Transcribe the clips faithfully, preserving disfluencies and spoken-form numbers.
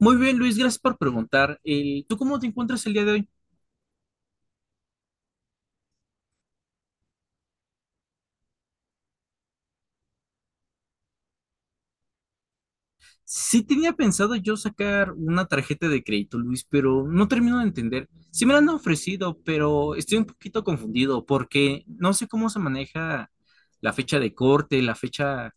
Muy bien, Luis, gracias por preguntar. El, ¿tú cómo te encuentras el día de hoy? Sí tenía pensado yo sacar una tarjeta de crédito, Luis, pero no termino de entender. Sí me la han ofrecido, pero estoy un poquito confundido porque no sé cómo se maneja la fecha de corte, la fecha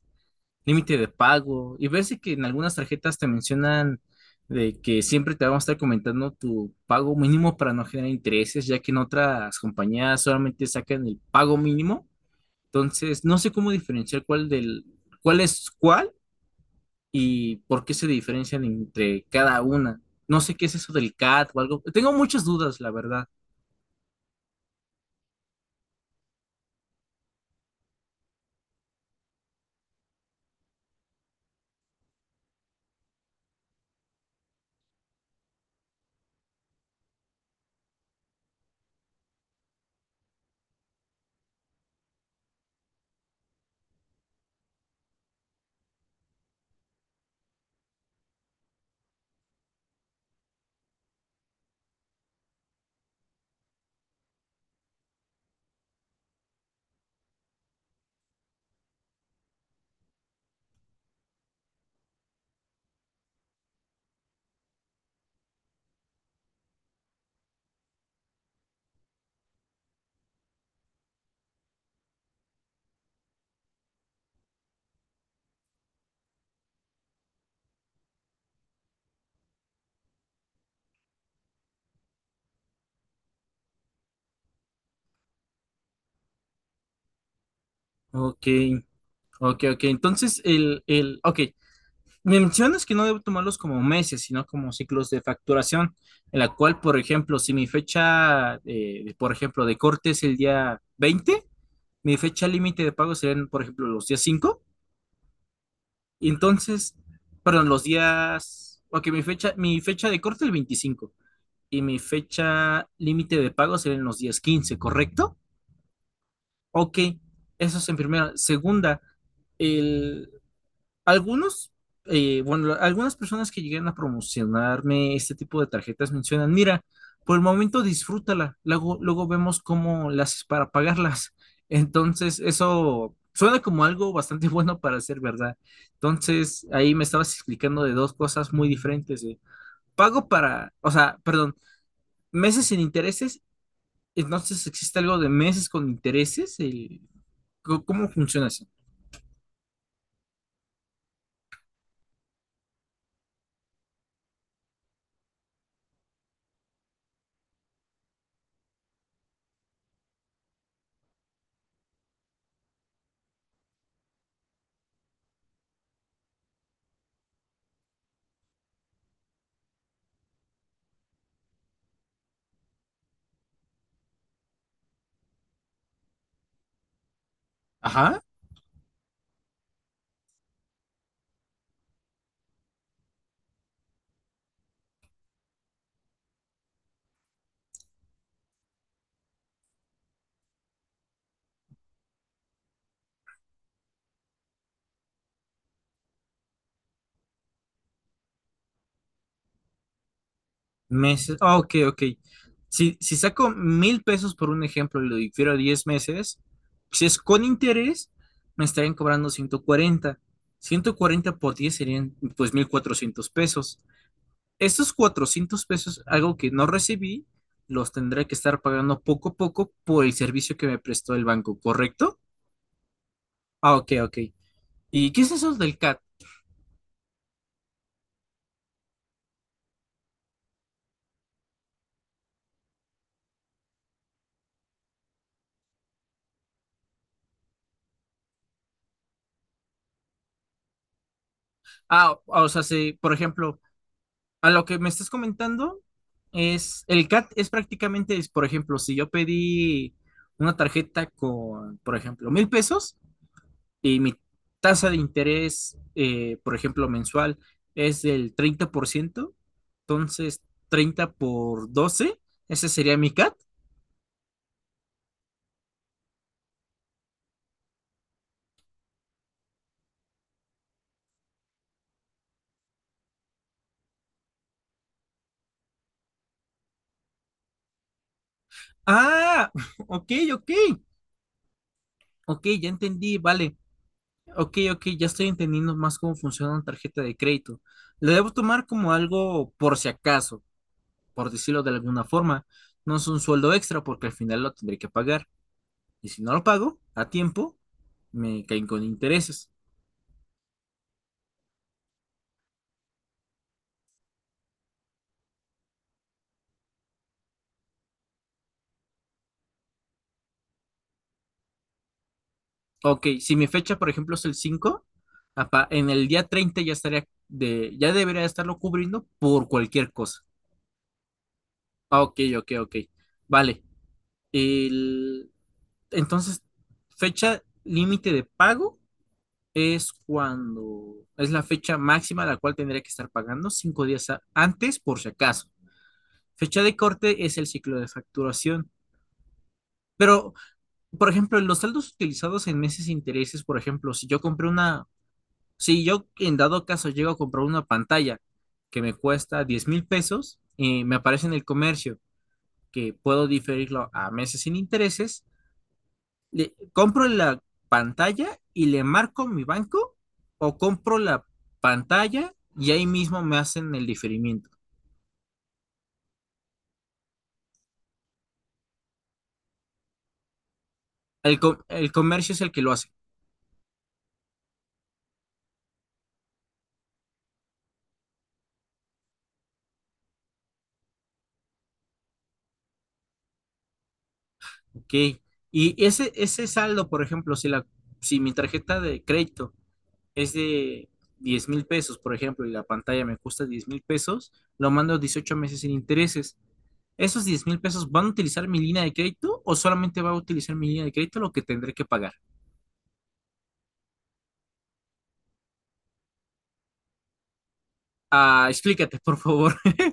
límite de pago. Y ves que en algunas tarjetas te mencionan de que siempre te van a estar comentando tu pago mínimo para no generar intereses, ya que en otras compañías solamente sacan el pago mínimo. Entonces, no sé cómo diferenciar cuál del, cuál es cuál y por qué se diferencian entre cada una. No sé qué es eso del C A T o algo. Tengo muchas dudas, la verdad. Ok, ok, ok. Entonces, el, el, ok. Me mencionas que no debo tomarlos como meses, sino como ciclos de facturación, en la cual, por ejemplo, si mi fecha, eh, de- por ejemplo, de corte es el día veinte, mi fecha límite de pago serían, por ejemplo, los días cinco. Y entonces, perdón, los días, ok, mi fecha, mi fecha de corte el veinticinco y mi fecha límite de pago será en los días quince, ¿correcto? Ok, eso es en primera. Segunda, el, algunos, eh, bueno, la- algunas personas que llegan a promocionarme este tipo de tarjetas mencionan, mira, por el momento disfrútala, luego, luego vemos cómo las haces para pagarlas. Entonces, eso suena como algo bastante bueno para ser verdad. Entonces, ahí me estabas explicando de dos cosas muy diferentes. de Pago para, o sea, perdón, meses sin intereses. Entonces, ¿existe algo de meses con intereses? El- ¿cómo cómo funciona eso? Ajá. Meses. Ah, ok, ok. Si, si saco mil pesos por un ejemplo y lo difiero a diez meses, si es con interés, me estarían cobrando ciento cuarenta, ciento cuarenta por diez serían pues mil cuatrocientos pesos. Estos cuatrocientos pesos, algo que no recibí, los tendré que estar pagando poco a poco por el servicio que me prestó el banco, ¿correcto? Ah, ok, ok. ¿Y qué es eso del C A T? Ah, o o sea, si, por ejemplo, a lo que me estás comentando es, el C A T es prácticamente, es, por ejemplo, si yo pedí una tarjeta con, por ejemplo, mil pesos y mi tasa de interés, eh, por ejemplo, mensual es del treinta por ciento, entonces treinta por doce, ese sería mi C A T. Ah, ok, ok, ok, ya entendí, vale. Ok, ok, ya estoy entendiendo más cómo funciona una tarjeta de crédito. Lo debo tomar como algo por si acaso, por decirlo de alguna forma. No es un sueldo extra porque al final lo tendré que pagar. Y si no lo pago a tiempo, me caen con intereses. Ok, si mi fecha, por ejemplo, es el cinco, apa- en el día treinta ya estaría de, ya debería estarlo cubriendo por cualquier cosa. Ah, ok, ok, ok. Vale. El, entonces, fecha límite de pago es cuando es la fecha máxima a la cual tendría que estar pagando cinco días a- antes por si acaso. Fecha de corte es el ciclo de facturación. Pero, por ejemplo, los saldos utilizados en meses e intereses, por ejemplo, si yo compré una, si yo en dado caso llego a comprar una pantalla que me cuesta diez mil pesos, eh, me aparece en el comercio que puedo diferirlo a meses sin intereses, le, compro la pantalla y le marco mi banco o compro la pantalla y ahí mismo me hacen el diferimiento. El, co- el comercio es el que lo hace. Ok. Y ese, ese saldo, por ejemplo, si la, si mi tarjeta de crédito es de diez mil pesos, por ejemplo, y la pantalla me cuesta diez mil pesos, lo mando dieciocho meses sin intereses. ¿Esos diez mil pesos van a utilizar mi línea de crédito o solamente va a utilizar mi línea de crédito lo que tendré que pagar? Ah, explícate, por favor.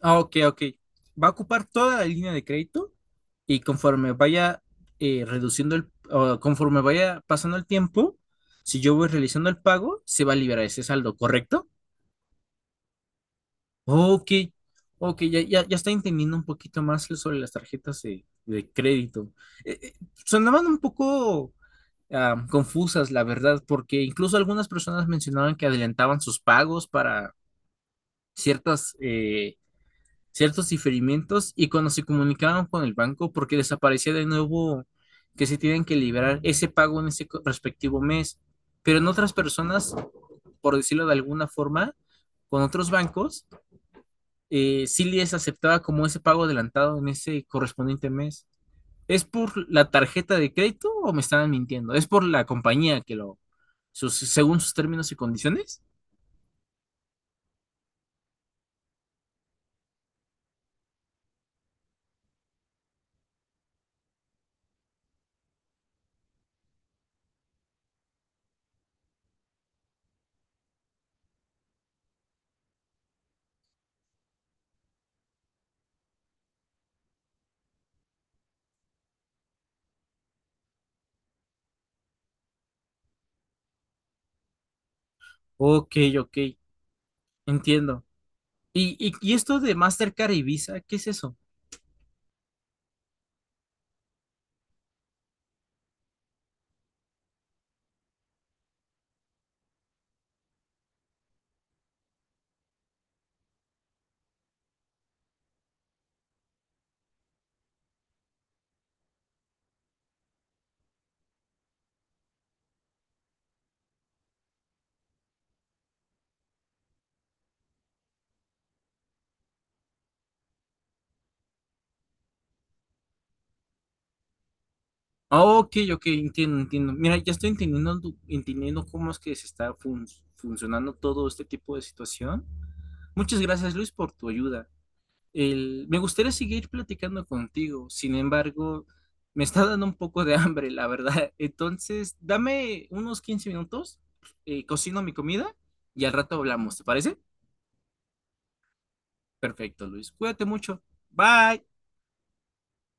Ah, ok, ok. Va a ocupar toda la línea de crédito y conforme vaya eh, reduciendo el, o conforme vaya pasando el tiempo, si yo voy realizando el pago, se va a liberar ese saldo, ¿correcto? Ok, ok, ya, ya, ya estoy entendiendo un poquito más sobre las tarjetas de, de crédito. Eh, eh, sonaban un poco ah, confusas, la verdad, porque incluso algunas personas mencionaban que adelantaban sus pagos para ciertas eh, ciertos diferimientos y cuando se comunicaban con el banco, porque desaparecía de nuevo que se tienen que liberar ese pago en ese co- respectivo mes. Pero en otras personas, por decirlo de alguna forma, con otros bancos, eh, sí les aceptaba como ese pago adelantado en ese correspondiente mes. ¿Es por la tarjeta de crédito o me estaban mintiendo? ¿Es por la compañía que lo, sus- según sus términos y condiciones? Ok, ok, entiendo. ¿Y, y, y esto de Mastercard y Visa, qué es eso? Ah, ok, ok, entiendo, entiendo. Mira, ya estoy entendiendo, tu- entendiendo cómo es que se está fun- funcionando todo este tipo de situación. Muchas gracias, Luis, por tu ayuda. El, me gustaría seguir platicando contigo, sin embargo, me está dando un poco de hambre, la verdad. Entonces, dame unos quince minutos, eh, cocino mi comida y al rato hablamos, ¿te parece? Perfecto, Luis. Cuídate mucho. Bye.